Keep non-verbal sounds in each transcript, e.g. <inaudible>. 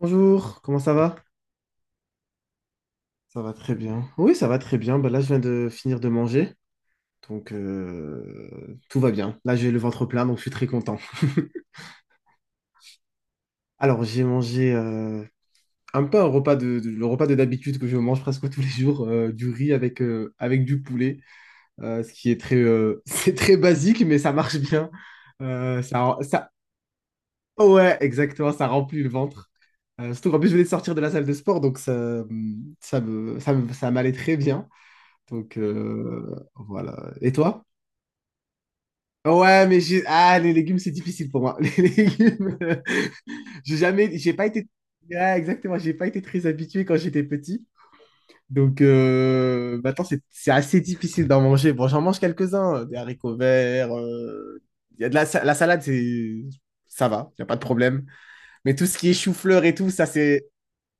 Bonjour, comment ça va? Ça va très bien. Oui, ça va très bien. Bah, là, je viens de finir de manger. Donc, tout va bien. Là, j'ai le ventre plein, donc je suis très content. <laughs> Alors, j'ai mangé un peu un repas le repas de d'habitude que je mange presque tous les jours, du riz avec du poulet, ce qui est très, <laughs> c'est très basique, mais ça marche bien. Euh, ça, ça, ouais, exactement, ça remplit le ventre. Surtout qu'en plus, je venais de sortir de la salle de sport, donc ça m'allait très bien. Donc, voilà. Et toi? Ouais, mais j'ai. Ah, les légumes, c'est difficile pour moi. <laughs> Les légumes, j'ai jamais. J'ai pas été. Ouais, exactement, j'ai pas été très habitué quand j'étais petit. Donc, maintenant, c'est assez difficile d'en manger. Bon, j'en mange quelques-uns, des haricots verts. Il y a de la salade, c'est. Ça va, il n'y a pas de problème. Mais tout ce qui est chou-fleur et tout, ça, c'est.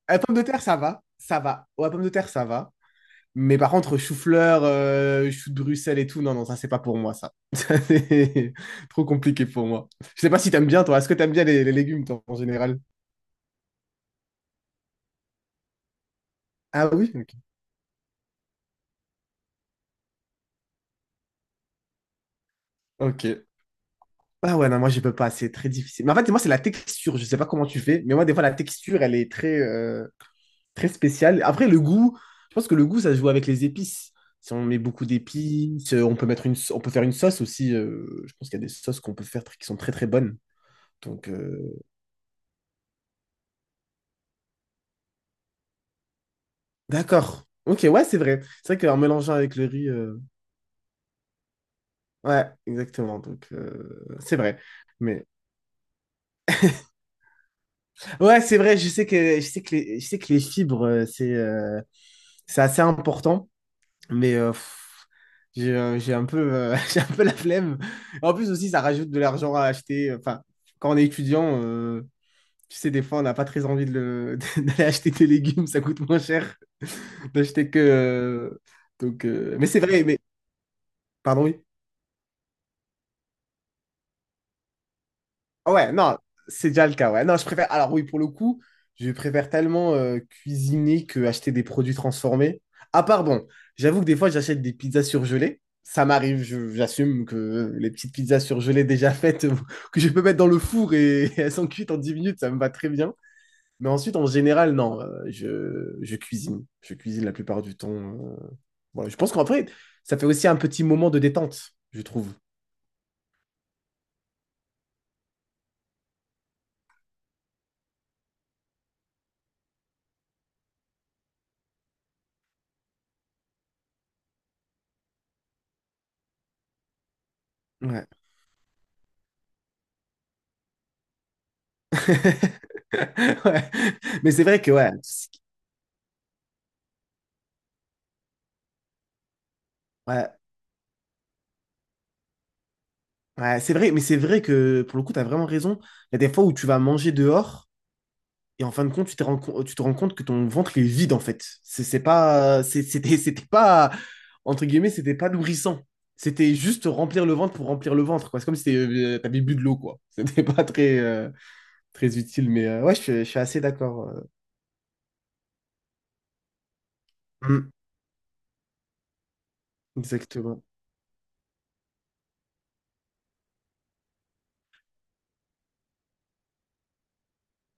La pomme de terre, ça va. Ça va. Ouais, pomme de terre, ça va. Mais par contre, chou-fleur, chou de Bruxelles et tout, non, non, ça, c'est pas pour moi, ça. <laughs> Ça, c'est trop compliqué pour moi. Je sais pas si t'aimes bien, toi. Est-ce que t'aimes bien les légumes, toi, en général? Ah oui? Ok. Ok. Ah ouais non, moi, je peux pas. C'est très difficile. Mais en fait, moi, c'est la texture. Je sais pas comment tu fais, mais moi, des fois, la texture, elle est très, très spéciale. Après, le goût, je pense que le goût, ça se joue avec les épices. Si on met beaucoup d'épices, on peut faire une sauce aussi. Je pense qu'il y a des sauces qu'on peut faire qui sont très, très bonnes. Donc, euh, D'accord. Ok, ouais, c'est vrai. C'est vrai qu'en mélangeant avec le riz, ouais, exactement. Donc, c'est vrai. Mais ouais, c'est vrai. Je sais que les, je sais que les fibres, c'est assez important. Mais j'ai un peu <laughs> j'ai un peu la flemme. En plus aussi, ça rajoute de l'argent à acheter. Enfin, quand on est étudiant, tu sais, des fois, on n'a pas très envie <laughs> d'aller acheter des légumes. Ça coûte moins cher d'acheter que. Donc, mais c'est vrai. Mais pardon, oui. Ah ouais, non, c'est déjà le cas, ouais. Non, je préfère. Alors oui, pour le coup, je préfère tellement cuisiner que acheter des produits transformés. Ah, pardon, j'avoue que des fois, j'achète des pizzas surgelées. Ça m'arrive, j'assume que les petites pizzas surgelées déjà <laughs> faites, que je peux mettre dans le four et, <laughs> elles sont cuites en 10 minutes, ça me va très bien. Mais ensuite, en général, non, je cuisine. Je cuisine la plupart du temps. Voilà, je pense qu'en fait, ça fait aussi un petit moment de détente, je trouve. Ouais. <laughs> Ouais. Mais c'est vrai que, ouais, ouais, ouais, c'est vrai, mais c'est vrai que pour le coup, tu as vraiment raison. Il y a des fois où tu vas manger dehors et en fin de compte, tu te rends compte que ton ventre il est vide en fait. C'est pas, c'est- c'était, <laughs> C'était pas, entre guillemets, c'était pas nourrissant. C'était juste remplir le ventre pour remplir le ventre, quoi. C'est comme si t'avais bu de l'eau, quoi. <laughs> C'était pas très, très utile, mais ouais, je suis assez d'accord. Mm, exactement.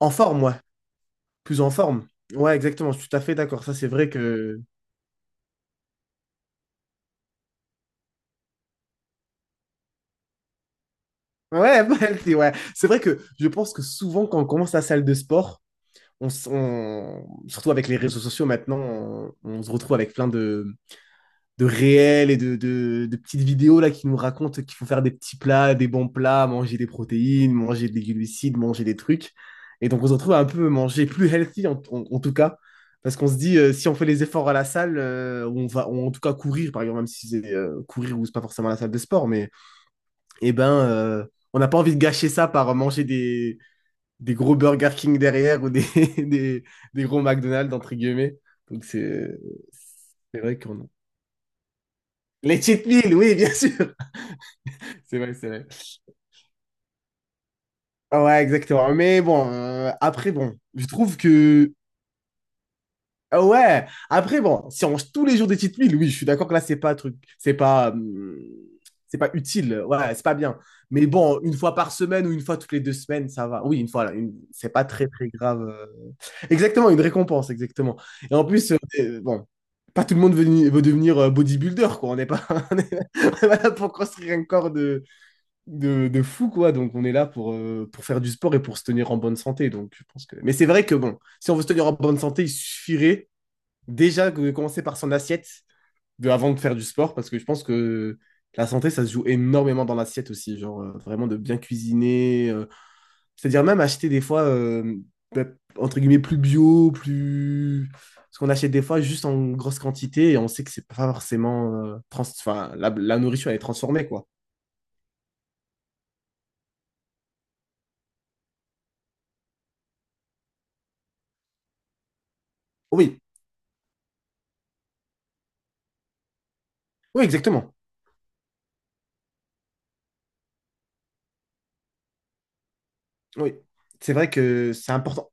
En forme, ouais. Plus en forme. Ouais, exactement. Je suis tout à fait d'accord. Ça, c'est vrai que. Ouais, <laughs> healthy, ouais. C'est vrai que je pense que souvent, quand on commence la salle de sport, surtout avec les réseaux sociaux maintenant, on se retrouve avec plein de réels et de petites vidéos là, qui nous racontent qu'il faut faire des petits plats, des bons plats, manger des protéines, manger des glucides, manger des trucs. Et donc, on se retrouve à un peu manger plus healthy, en tout cas. Parce qu'on se dit, si on fait les efforts à la salle, en tout cas courir, par exemple, même si c'est courir ou c'est pas forcément la salle de sport, mais eh ben, on n'a pas envie de gâcher ça par manger des, gros Burger King derrière ou <laughs> des, des gros McDonald's, entre guillemets. Donc, c'est vrai qu'on a. Les cheat meals, oui, bien sûr. <laughs> C'est vrai, c'est vrai. Ah ouais, exactement. Mais bon, après, bon, je trouve que. Ah ouais, après, bon, si on mange tous les jours des petites milles, oui, je suis d'accord que là, c'est pas un truc, c'est pas utile, ouais, c'est pas bien. Mais bon, une fois par semaine ou une fois toutes les 2 semaines, ça va. Oui, une fois, là, c'est pas très, très grave. Exactement, une récompense, exactement. Et en plus, bon, pas tout le monde veut devenir bodybuilder, quoi. On n'est pas, <laughs> on est, on est pas là pour construire un corps de, fou, quoi. Donc, on est là pour faire du sport et pour se tenir en bonne santé. Donc, je pense que. Mais c'est vrai que, bon, si on veut se tenir en bonne santé, il suffirait déjà de commencer par son assiette avant de faire du sport, parce que je pense que la santé, ça se joue énormément dans l'assiette aussi, genre vraiment de bien cuisiner, c'est-à-dire même acheter des fois, bah, entre guillemets, plus bio, plus. Parce qu'on achète des fois juste en grosse quantité et on sait que c'est pas forcément. Enfin, la nourriture, elle est transformée, quoi. Oui, oui, exactement. Oui, c'est vrai que c'est important.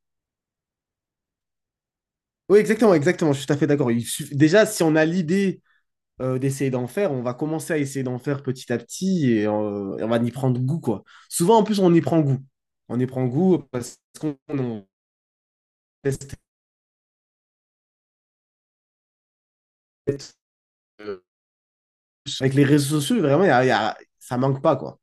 Oui, exactement, exactement, je suis tout à fait d'accord. Déjà, si on a l'idée d'essayer d'en faire, on va commencer à essayer d'en faire petit à petit et on va y prendre goût, quoi. Souvent, en plus, on y prend goût. On y prend goût parce qu'on on teste euh, avec les réseaux sociaux, vraiment, ça manque pas, quoi.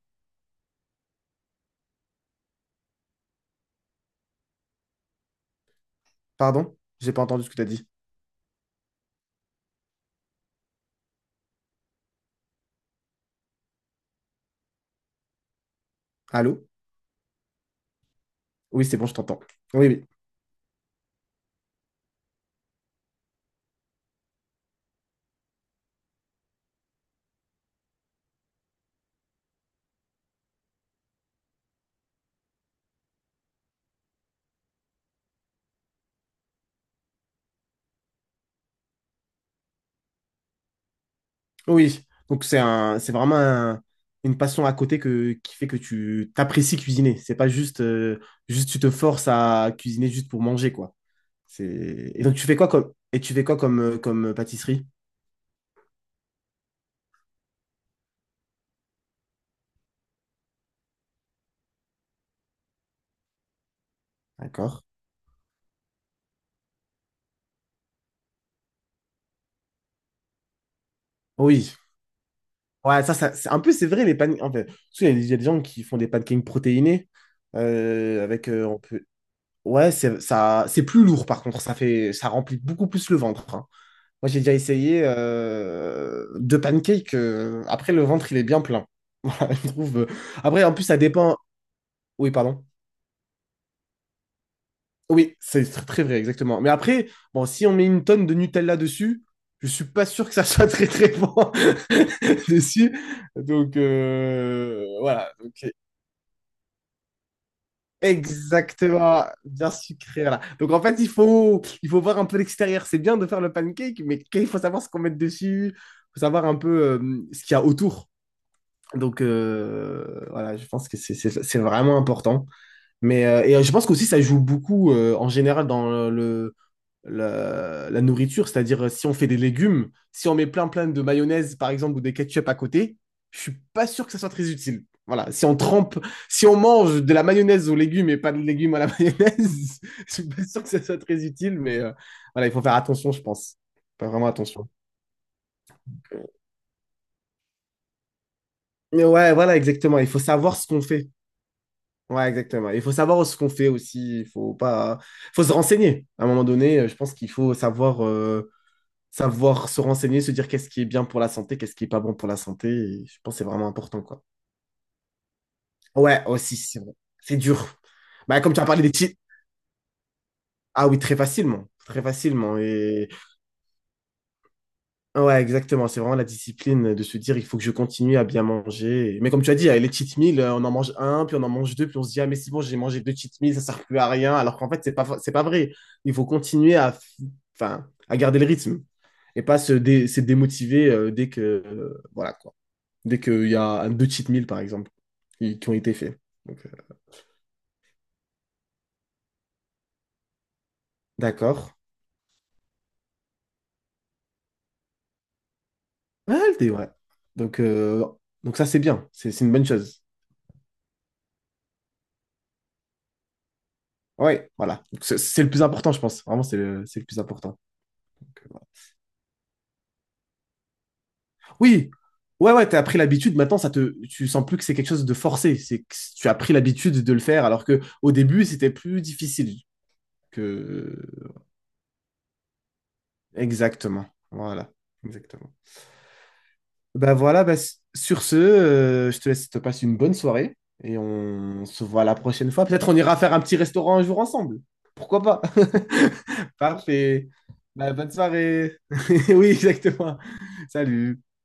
Pardon? J'ai pas entendu ce que tu as dit. Allô? Oui, c'est bon, je t'entends. Oui, oui. Oui. Donc, c'est vraiment une passion à côté qui fait que tu t'apprécies cuisiner. C'est pas juste tu te forces à cuisiner juste pour manger, quoi. C'est. Et donc, tu fais quoi comme pâtisserie? D'accord. Oui. Ouais, ça c'est un peu, c'est vrai, les pancakes. En fait, tu sais, il y a gens qui font des pancakes protéinés. On peut. Ouais, ça, c'est plus lourd, par contre. Ça remplit beaucoup plus le ventre. Hein. Moi, j'ai déjà essayé deux pancakes. Après, le ventre, il est bien plein. <laughs> Voilà, je trouve. Après, en plus, ça dépend. Oui, pardon. Oui, c'est très vrai, exactement. Mais après, bon, si on met une tonne de Nutella dessus, je suis pas sûr que ça soit très très bon <laughs> dessus. Donc voilà, donc, exactement, bien sucré. Voilà. Donc en fait, il faut voir un peu l'extérieur. C'est bien de faire le pancake, mais qu'il faut savoir ce qu'on met dessus, faut savoir un peu ce qu'il y a autour. Donc voilà, je pense que c'est vraiment important. Et je pense qu'aussi ça joue beaucoup en général dans la nourriture, c'est-à-dire si on fait des légumes, si on met plein plein de mayonnaise par exemple ou des ketchup à côté, je suis pas sûr que ça soit très utile. Voilà, si on mange de la mayonnaise aux légumes et pas de légumes à la <laughs> mayonnaise, je suis pas sûr que ça soit très utile, mais voilà, il faut faire attention, je pense. Faut faire vraiment attention. Mais ouais, voilà, exactement, il faut savoir ce qu'on fait. Ouais, exactement. Il faut savoir ce qu'on fait aussi. Il faut pas, faut se renseigner. À un moment donné, je pense qu'il faut savoir se renseigner, se dire qu'est-ce qui est bien pour la santé, qu'est-ce qui est pas bon pour la santé. Et je pense que c'est vraiment important, quoi. Ouais, aussi, c'est vrai. C'est dur. Bah, comme tu as parlé des titres. Ah oui, très facilement. Très facilement. Ouais, exactement. C'est vraiment la discipline de se dire, il faut que je continue à bien manger. Mais comme tu as dit, les cheat meals, on en mange un, puis on en mange deux, puis on se dit, ah, mais c'est bon, j'ai mangé deux cheat meals, ça sert plus à rien. Alors qu'en fait, c'est pas vrai. Il faut continuer à, enfin, à garder le rythme et pas se démotiver dès que, voilà, quoi. Dès qu'il y a un, deux cheat meals, par exemple, qui ont été faits. Donc, d'accord. Ah, le thé, ouais. Donc, euh, donc, ça, c'est bien. C'est une bonne chose. Ouais, voilà. Donc, c'est le plus important, je pense. Vraiment, c'est le plus important. Oui, ouais, ouais, t'as pris l'habitude. Maintenant, tu sens plus que c'est quelque chose de forcé. C'est que tu as pris l'habitude de le faire, alors que au début, c'était plus difficile que. Exactement. Voilà, exactement. Bah voilà, bah, sur ce, je te laisse, te passe une bonne soirée et on se voit la prochaine fois. Peut-être on ira faire un petit restaurant un jour ensemble. Pourquoi pas? <laughs> Parfait. Bah, bonne soirée. <laughs> Oui, exactement. Salut.